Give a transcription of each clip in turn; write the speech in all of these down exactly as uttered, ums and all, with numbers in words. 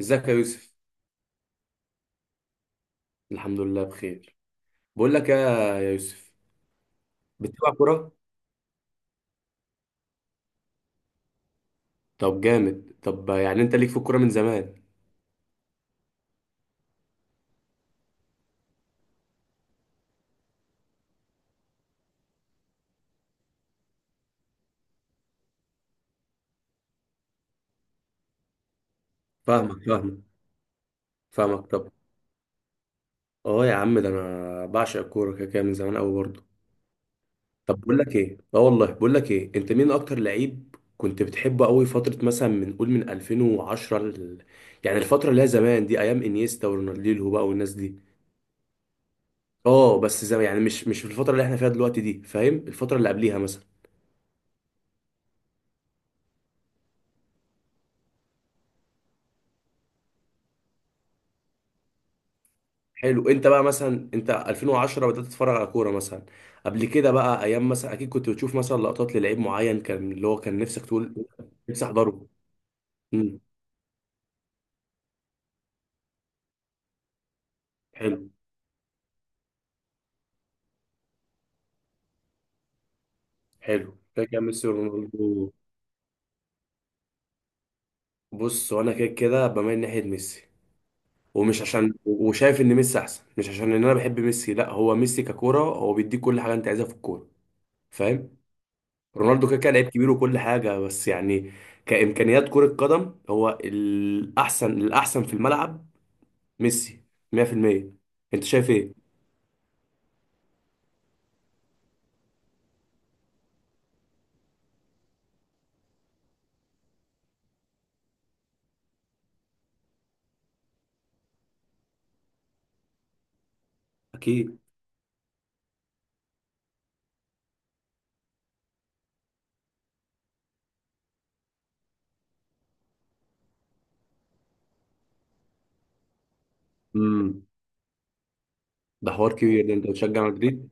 ازيك يا يوسف؟ الحمد لله بخير. بقول لك يا، يا يوسف، بتلعب كرة؟ طب جامد. طب يعني انت ليك في الكرة من زمان؟ فاهمك، فاهمك، فاهمك. طب اه يا عم، ده انا بعشق الكورة كده كده من زمان قوي برضه. طب بقول لك ايه اه والله، بقول لك ايه، انت مين اكتر لعيب كنت بتحبه قوي فترة مثلا؟ من قول من ألفين وعشرة ل... يعني الفترة اللي هي زمان دي، ايام انيستا ورونالدينيو بقى والناس دي. اه بس زمان، يعني مش مش في الفترة اللي احنا فيها دلوقتي دي، فاهم؟ الفترة اللي قبليها مثلا. حلو. انت بقى مثلا، انت ألفين وعشرة بدأت تتفرج على كوره مثلا؟ قبل كده بقى ايام مثلا اكيد كنت بتشوف مثلا لقطات للعيب معين، كان اللي هو كان نفسك تقول نفسي احضره. امم. حلو، حلو. كده كان ميسي ورونالدو. بص، وانا كده كده بميل ناحيه ميسي، ومش عشان وشايف ان ميسي احسن، مش عشان ان انا بحب ميسي، لا، هو ميسي ككوره هو بيديك كل حاجه انت عايزها في الكوره، فاهم؟ رونالدو كده كده لعيب كبير وكل حاجه، بس يعني كامكانيات كره قدم هو الاحسن، الاحسن في الملعب ميسي، ميه في الميه. انت شايف ايه؟ اكيد. امم. ده حوار كبير، ده انت بتشجع مدريد.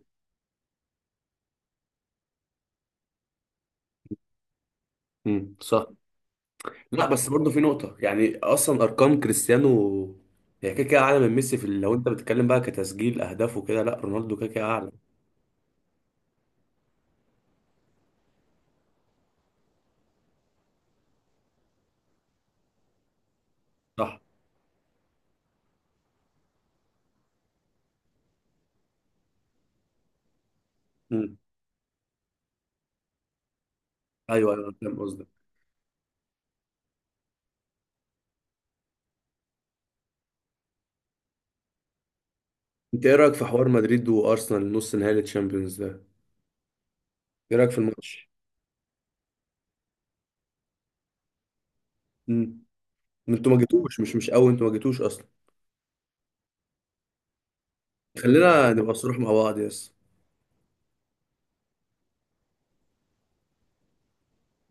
امم، صح. لا بس برضه في نقطة، يعني اصلا ارقام كريستيانو هي كده كده اعلى من ميسي في ال-، لو انت بتتكلم بقى كتسجيل اهداف وكده، لا رونالدو كده كده اعلى. صح. امم. ايوه، ايوه، أنا فاهم قصدك. انت ايه رايك في حوار مدريد وارسنال، نص نهائي الشامبيونز ده؟ ايه رايك في الماتش؟ امم. انتوا ما جيتوش، مش مش قوي، انتوا ما جيتوش اصلا. خلينا نبقى صريح مع بعض، يس.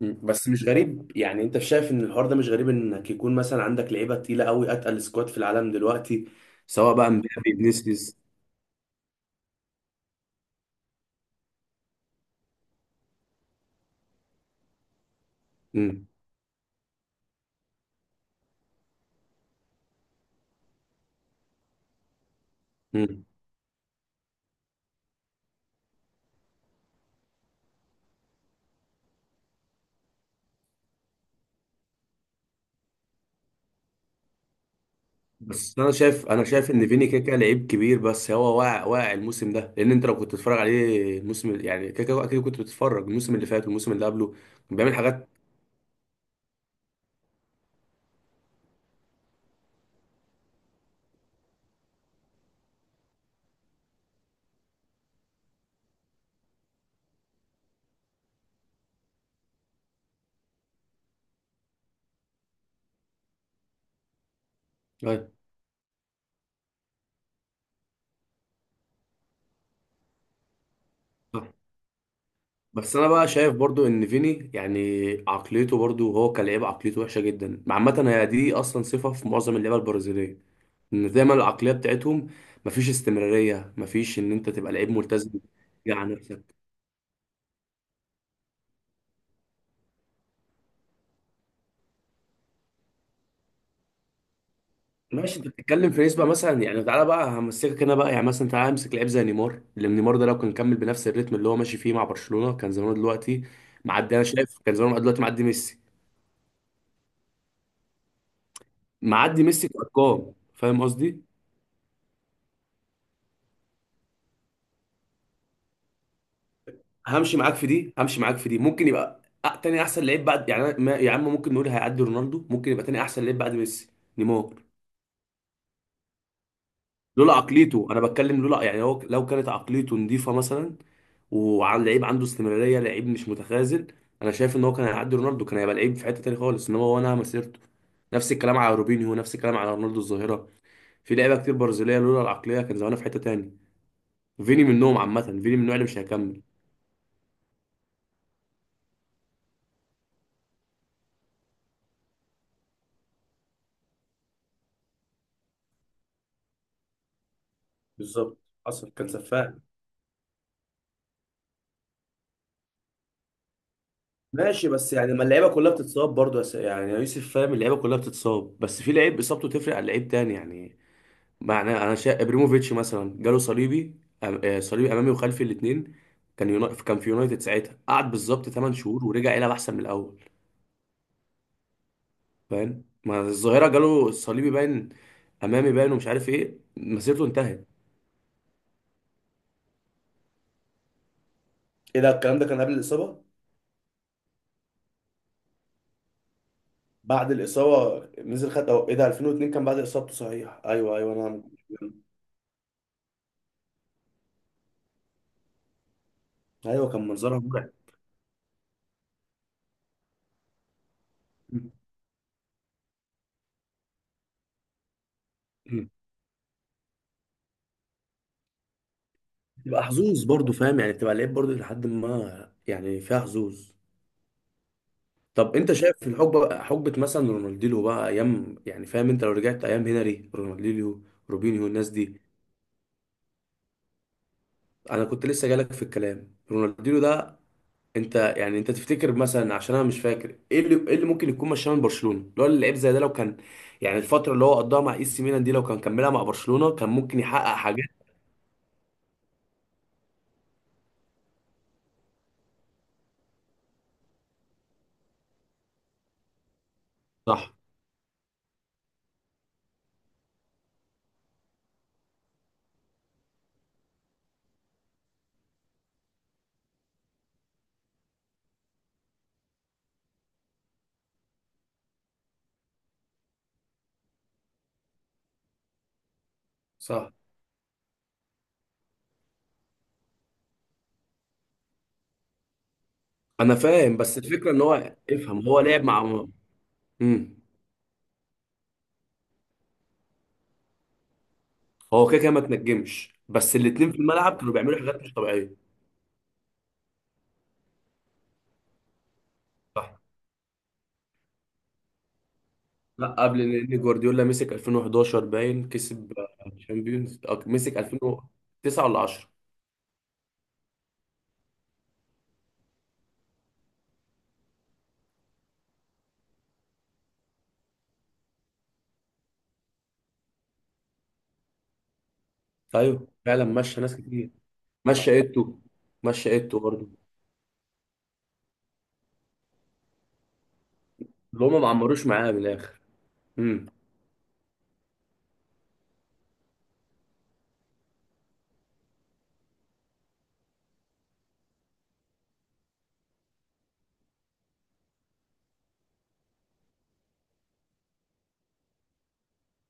مم. بس مش غريب، يعني انت شايف ان الحوار ده مش غريب انك يكون مثلا عندك لعيبه تقيله قوي، اتقل سكواد في العالم دلوقتي، سواء بقى مبابي، فينيسيوس. مم. مم. بس انا شايف انا شايف ان فيني كيكا لعيب كبير، بس هو واقع، واقع الموسم ده، لان انت لو كنت بتتفرج عليه الموسم، يعني كيكا اكيد كنت بتتفرج الموسم اللي فات والموسم اللي قبله، كان بيعمل حاجات. أيوة. صح. بس انا بقى شايف برضو ان فيني يعني عقليته، برضو هو كلاعب عقليته وحشه جدا عامه، هي دي اصلا صفه في معظم اللعيبه البرازيليه، ان دايما العقليه بتاعتهم مفيش استمراريه، مفيش ان انت تبقى لعيب ملتزم، تيجي على نفسك. ماشي، انت بتتكلم في نسبه مثلا، يعني تعالى بقى همسكك انا بقى، يعني مثلا تعالى امسك لعيب زي نيمار، اللي نيمار ده لو كان كمل بنفس الريتم اللي هو ماشي فيه مع برشلونه، كان زمانه دلوقتي معدي. انا شايف كان زمانه دلوقتي معدي ميسي. معدي ميسي في ارقام، فاهم قصدي؟ همشي معاك في دي همشي معاك في دي، ممكن يبقى أ- تاني احسن لعيب بعد، يعني أنا- ما- يا عم ممكن نقول هيعدي رونالدو، ممكن يبقى تاني احسن لعيب بعد ميسي، نيمار. لولا عقليته، انا بتكلم لولا، يعني هو لو كانت عقليته نظيفه مثلا، وعن لعيب عنده استمراريه، لعيب مش متخاذل، انا شايف ان هو كان هيعدي رونالدو، كان هيبقى لعيب في حته تاني خالص، انما هو نهى مسيرته. نفس الكلام على روبينيو، نفس الكلام على رونالدو الظاهره. في لعيبه كتير برازيليه لولا العقليه كان زمانها في حته تاني. فيني منهم عامه، فيني من النوع اللي مش هيكمل. بالظبط. حصل، كان سفاح. ماشي، بس يعني ما اللعيبه كلها بتتصاب برضه، يا س- يعني يا يوسف، فاهم؟ اللعيبه كلها بتتصاب، بس في لعيب اصابته تفرق عن لعيب تاني، يعني معناه. انا شايف ابريموفيتش مثلا، جاله صليبي، أم- آه، صليبي امامي وخلفي الاثنين، كان يونا... كان في يونايتد ساعتها، قعد بالظبط تمن شهور ورجع يلعب احسن من الاول، فاهم؟ ما الظاهره جاله صليبي باين، امامي باين ومش عارف ايه، مسيرته انتهت. ايه ده الكلام؟ ده كان قبل الاصابه؟ بعد الاصابه نزل خد، أو ايه ده ألفين واتنين كان بعد اصابته، صحيح، ايوه ايوه انا. ايوه، كان منظرها مرعب. م- م. بتبقى حظوظ برضو، فاهم يعني، بتبقى لعيب برضو، لحد ما يعني فيها حظوظ. طب انت شايف في الحقبه، حقبه مثلا رونالدينيو بقى، ايام يعني، فاهم؟ انت لو رجعت ايام هنري، رونالدينيو، روبينيو، الناس دي. انا كنت لسه جالك في الكلام، رونالدينيو ده، انت يعني انت تفتكر مثلا، عشان انا مش فاكر ايه اللي ايه اللي ممكن يكون مشاه من برشلونه، اللي هو اللعيب زي ده لو كان، يعني الفتره اللي هو قضاها مع اي سي ميلان دي لو كان كملها مع برشلونه كان ممكن يحقق حاجات. صح. صح انا فاهم، بس الفكره ان هو افهم، هو لعب مع. امم. هو كده كده ما تنجمش، بس الاتنين في الملعب كانوا بيعملوا حاجات مش طبيعيه. صح. لا قبل، لان جوارديولا مسك ألفين وحداشر باين، كسب الشامبيونز، أو مسك ألفين وتسعة ولا عشرة. ايوه فعلا، مشى ناس كتير. مشى ايتو. مشى ايتو برضه. اللي هم ما عمروش معاه من الاخر. امم.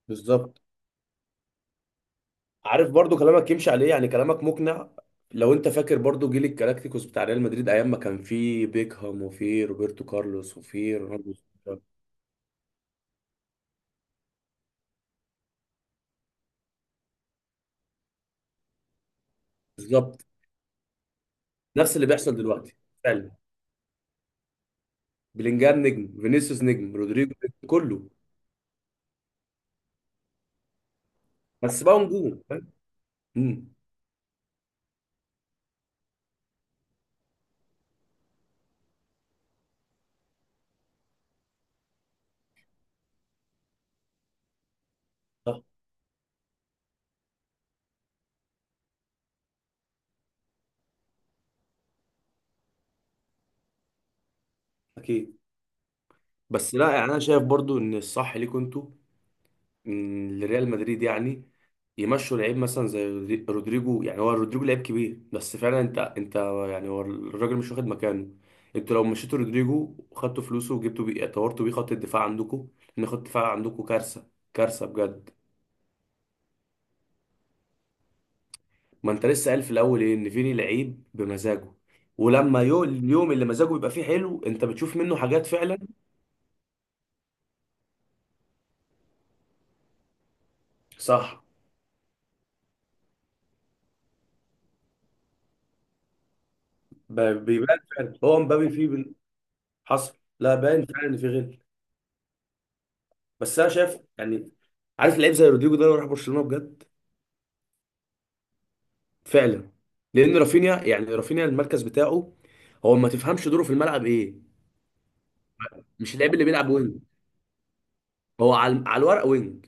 بالظبط. عارف برضه كلامك يمشي عليه، يعني كلامك مقنع. لو انت فاكر برضه جيل الكلاكتيكوس بتاع ريال مدريد، ايام ما كان فيه بيكهام وفيه روبرتو كارلوس وفيه رونالدو الظاهرة. بالظبط. نفس اللي بيحصل دلوقتي. فعلا. بلينجهام نجم، فينيسيوس نجم، رودريجو نجم، كله. بس بقى نجوم. امم. صح. اكيد. بس لا يعني، انا شايف برضو ان الصح ليكوا انتوا، إن لريال مدريد يعني، يمشوا لعيب مثلا زي رودري- رودريجو. يعني هو رودريجو لعيب كبير بس فعلا انت، انت يعني هو الراجل مش واخد مكانه، انتوا لو مشيتوا رودريجو وخدتوا فلوسه وجبتوا بيه طورتوا بيه خط الدفاع عندكم، ان خط الدفاع عندكم كارثه، كارثه بجد. ما انت لسه قال في الاول ايه ان فيني لعيب بمزاجه، ولما يو- اليوم اللي مزاجه بيبقى فيه حلو، انت بتشوف منه حاجات فعلا. صح. ب- بيبان فعلا هو مبابي فيه، حصل، لا باين فعلا ان في غل. بس انا شايف يعني، عارف لعيب زي رودريجو ده لو راح برشلونه بجد. فعلا، لان رافينيا، يعني رافينيا المركز بتاعه هو ما تفهمش دوره في الملعب ايه. مش اللعيب اللي بيلعب وينج، هو على على الورق وينج،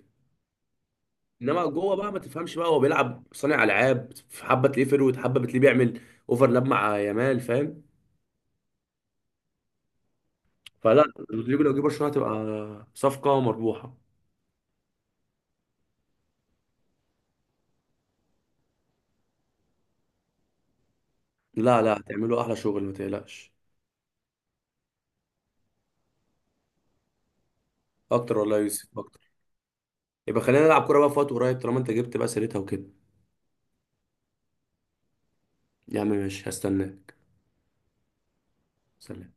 انما جوه بقى ما تفهمش بقى، هو بيلعب صانع العاب، حبه تلاقيه فيرود، حبه بتلاقيه بيعمل اوفرلاب مع يامال، فاهم؟ فلا، رودريجو لو جه برشلونه هتبقى صفقه مربوحه. لا لا، هتعملوا احلى شغل، ما تقلقش. اكتر والله يا يوسف، أكتر. يبقى خلينا نلعب كورة بقى في وقت قريب، طالما انت جبت بقى سيرتها وكده. يا عم ماشي، هستناك. سلام.